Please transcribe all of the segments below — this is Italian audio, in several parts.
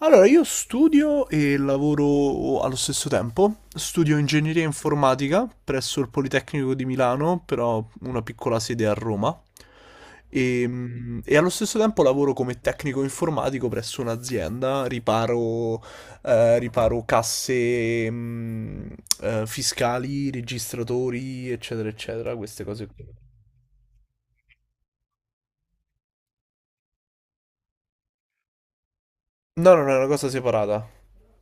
Allora, io studio e lavoro allo stesso tempo. Studio ingegneria informatica presso il Politecnico di Milano, però una piccola sede a Roma. E allo stesso tempo lavoro come tecnico informatico presso un'azienda, riparo, riparo casse, fiscali, registratori, eccetera, eccetera, queste cose qui. No, no, no, è una cosa separata.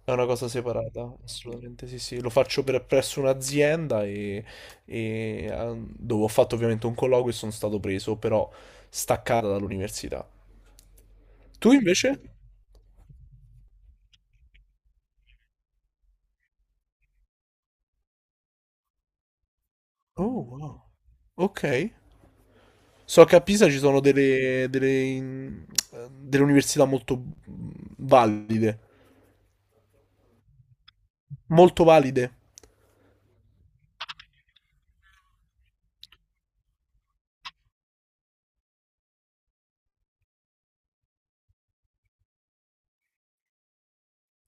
È una cosa separata, assolutamente sì, sì. Lo faccio per, presso un'azienda e, dove ho fatto ovviamente un colloquio e sono stato preso, però staccata dall'università. Tu invece? Oh, wow. Ok. So che a Pisa ci sono delle università molto valide. Molto valide.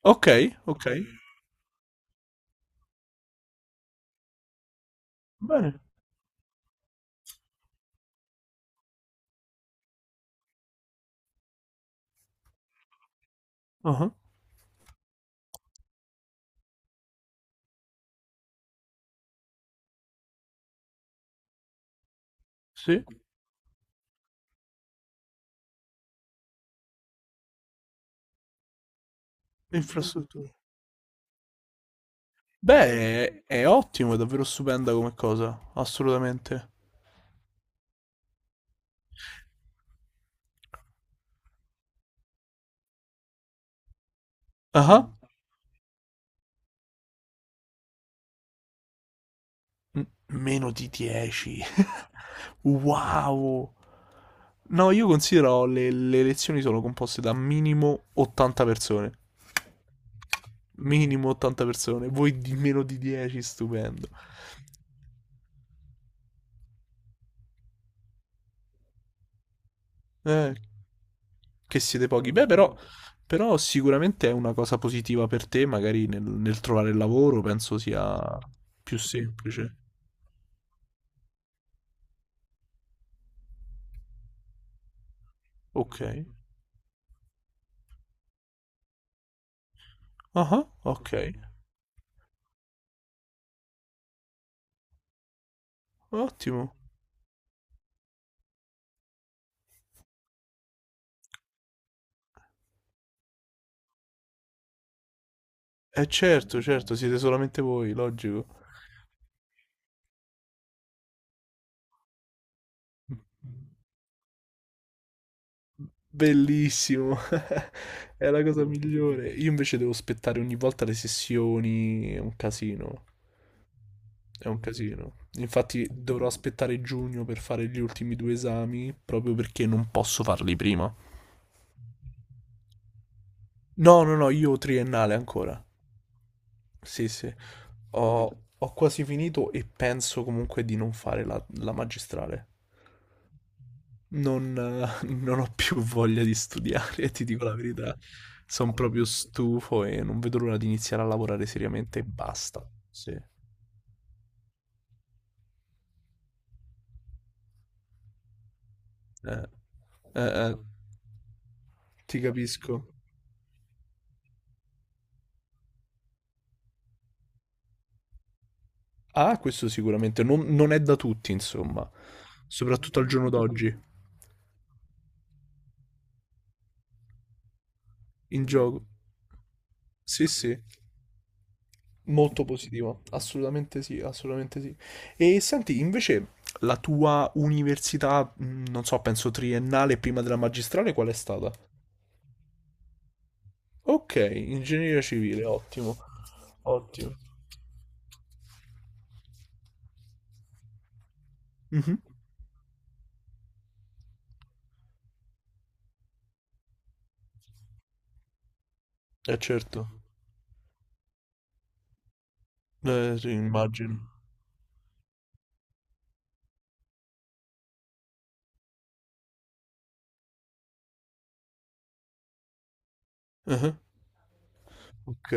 Ok, ok. Bene. Ah, sì, infrastrutture. Beh, è ottimo, è davvero stupenda come cosa, assolutamente. Ah, meno di 10. Wow! No, io considero le lezioni sono composte da minimo 80 persone. Minimo 80 persone, voi di meno di 10, stupendo. Eh, che siete pochi. Beh, però, però sicuramente è una cosa positiva per te, magari nel trovare il lavoro, penso sia più semplice. Ok. Ah, ok. Ottimo. Eh certo, certo, siete solamente voi, logico. Bellissimo. È la cosa migliore. Io invece devo aspettare ogni volta le sessioni, è un casino. È un casino. Infatti dovrò aspettare giugno per fare gli ultimi due esami, proprio perché non posso farli prima. No, no, no, io ho triennale ancora. Sì, sì. Ho quasi finito e penso comunque di non fare la magistrale. Non, Non ho più voglia di studiare, ti dico la verità. Sono proprio stufo e non vedo l'ora di iniziare a lavorare seriamente e basta. Sì. Eh, eh, eh, Ti capisco. Ah, questo sicuramente non è da tutti, insomma. Soprattutto al giorno d'oggi. In gioco. Sì, sì. Molto positivo. Assolutamente sì, assolutamente sì. E senti, invece, la tua università, non so, penso triennale prima della magistrale, qual è stata? Ok, ingegneria civile, ottimo. Ottimo. Mhm. Eh certo, sì, immagino. Ah, ok,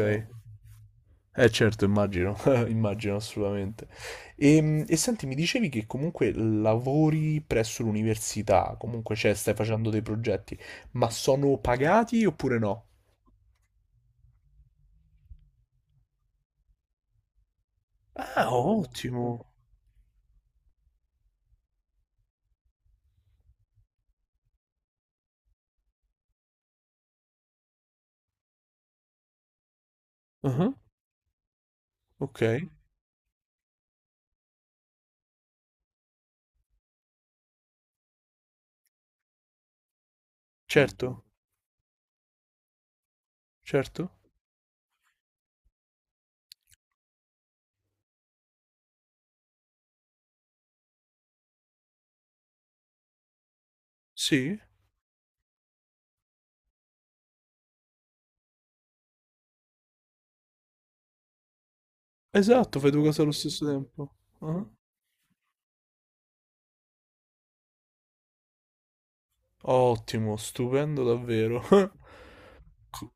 eh certo, immagino, immagino assolutamente. E, senti, mi dicevi che comunque lavori presso l'università, comunque cioè, stai facendo dei progetti, ma sono pagati oppure no? Ah, ottimo. Ah, ok, certo, certo. Sì, esatto, fai due cose allo stesso tempo. Ottimo, stupendo davvero. Co-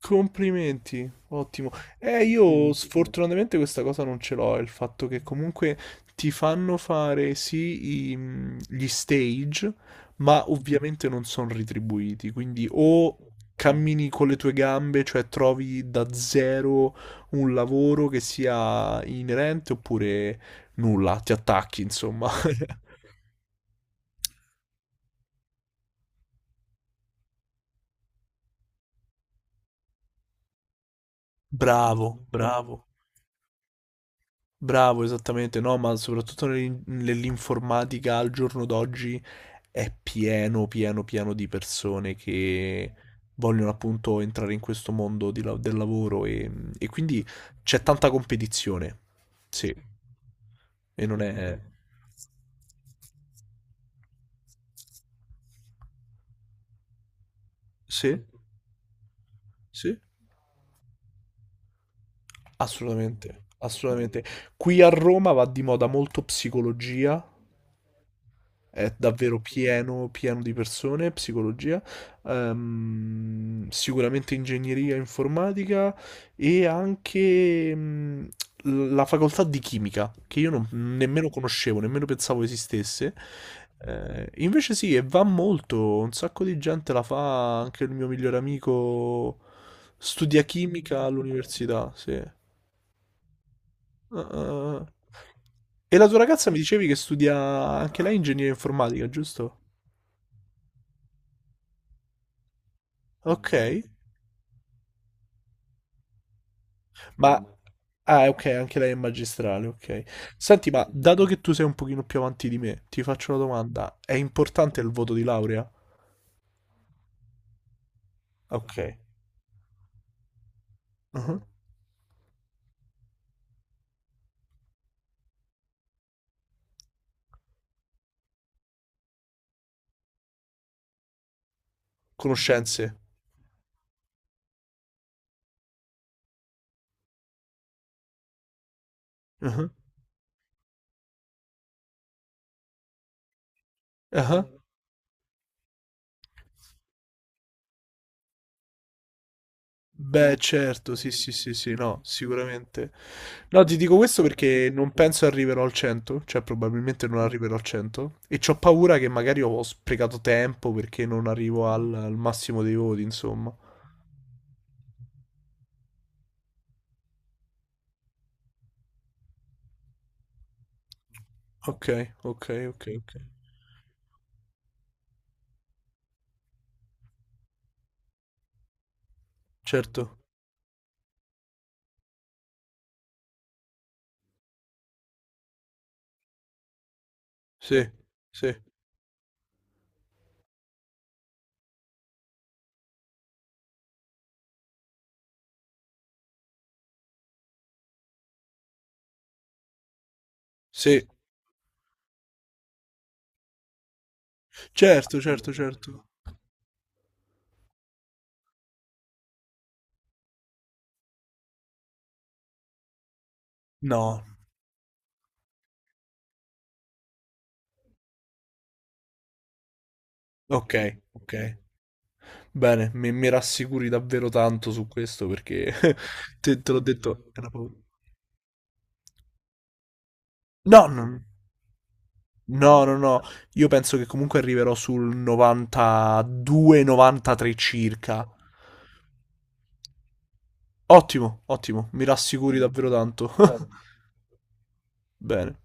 Complimenti, ottimo. Io sfortunatamente questa cosa non ce l'ho, è il fatto che comunque ti fanno fare sì gli stage, ma ovviamente non sono retribuiti, quindi o cammini con le tue gambe, cioè trovi da zero un lavoro che sia inerente oppure nulla, ti attacchi, insomma. Bravo, bravo. Bravo, esattamente, no, ma soprattutto nell'informatica al giorno d'oggi è pieno, pieno, pieno di persone che vogliono appunto entrare in questo mondo del lavoro e quindi c'è tanta competizione, sì, e non è... Sì, sì, assolutamente, assolutamente. Qui a Roma va di moda molto psicologia, è davvero pieno, pieno di persone, psicologia, sicuramente ingegneria informatica e anche la facoltà di chimica, che io nemmeno conoscevo, nemmeno pensavo esistesse. Invece sì, e va molto, un sacco di gente la fa, anche il mio migliore amico studia chimica all'università, sì. Ah, ah, ah. E la tua ragazza mi dicevi che studia anche lei ingegneria informatica, giusto? Ok, ma... Ah, ok, anche lei è magistrale, ok. Senti, ma dato che tu sei un pochino più avanti di me, ti faccio una domanda. È importante il voto di laurea? Ok. Mhm. Conoscenze? Mhm. Ah. Beh, certo, sì, sì, sì, sì, no, sicuramente. No, ti dico questo perché non penso arriverò al 100, cioè probabilmente non arriverò al 100, e c'ho paura che magari ho sprecato tempo perché non arrivo al massimo dei voti, insomma. Ok, ok, ok, ok. Certo. Sì, sì, sì. Certo, certo, certo. No, ok, ok. Bene, mi rassicuri davvero tanto su questo perché te l'ho detto, è una paura. No, no, no, no, no. Io penso che comunque arriverò sul 92-93 circa. Ottimo, ottimo, mi rassicuri davvero tanto. Bene.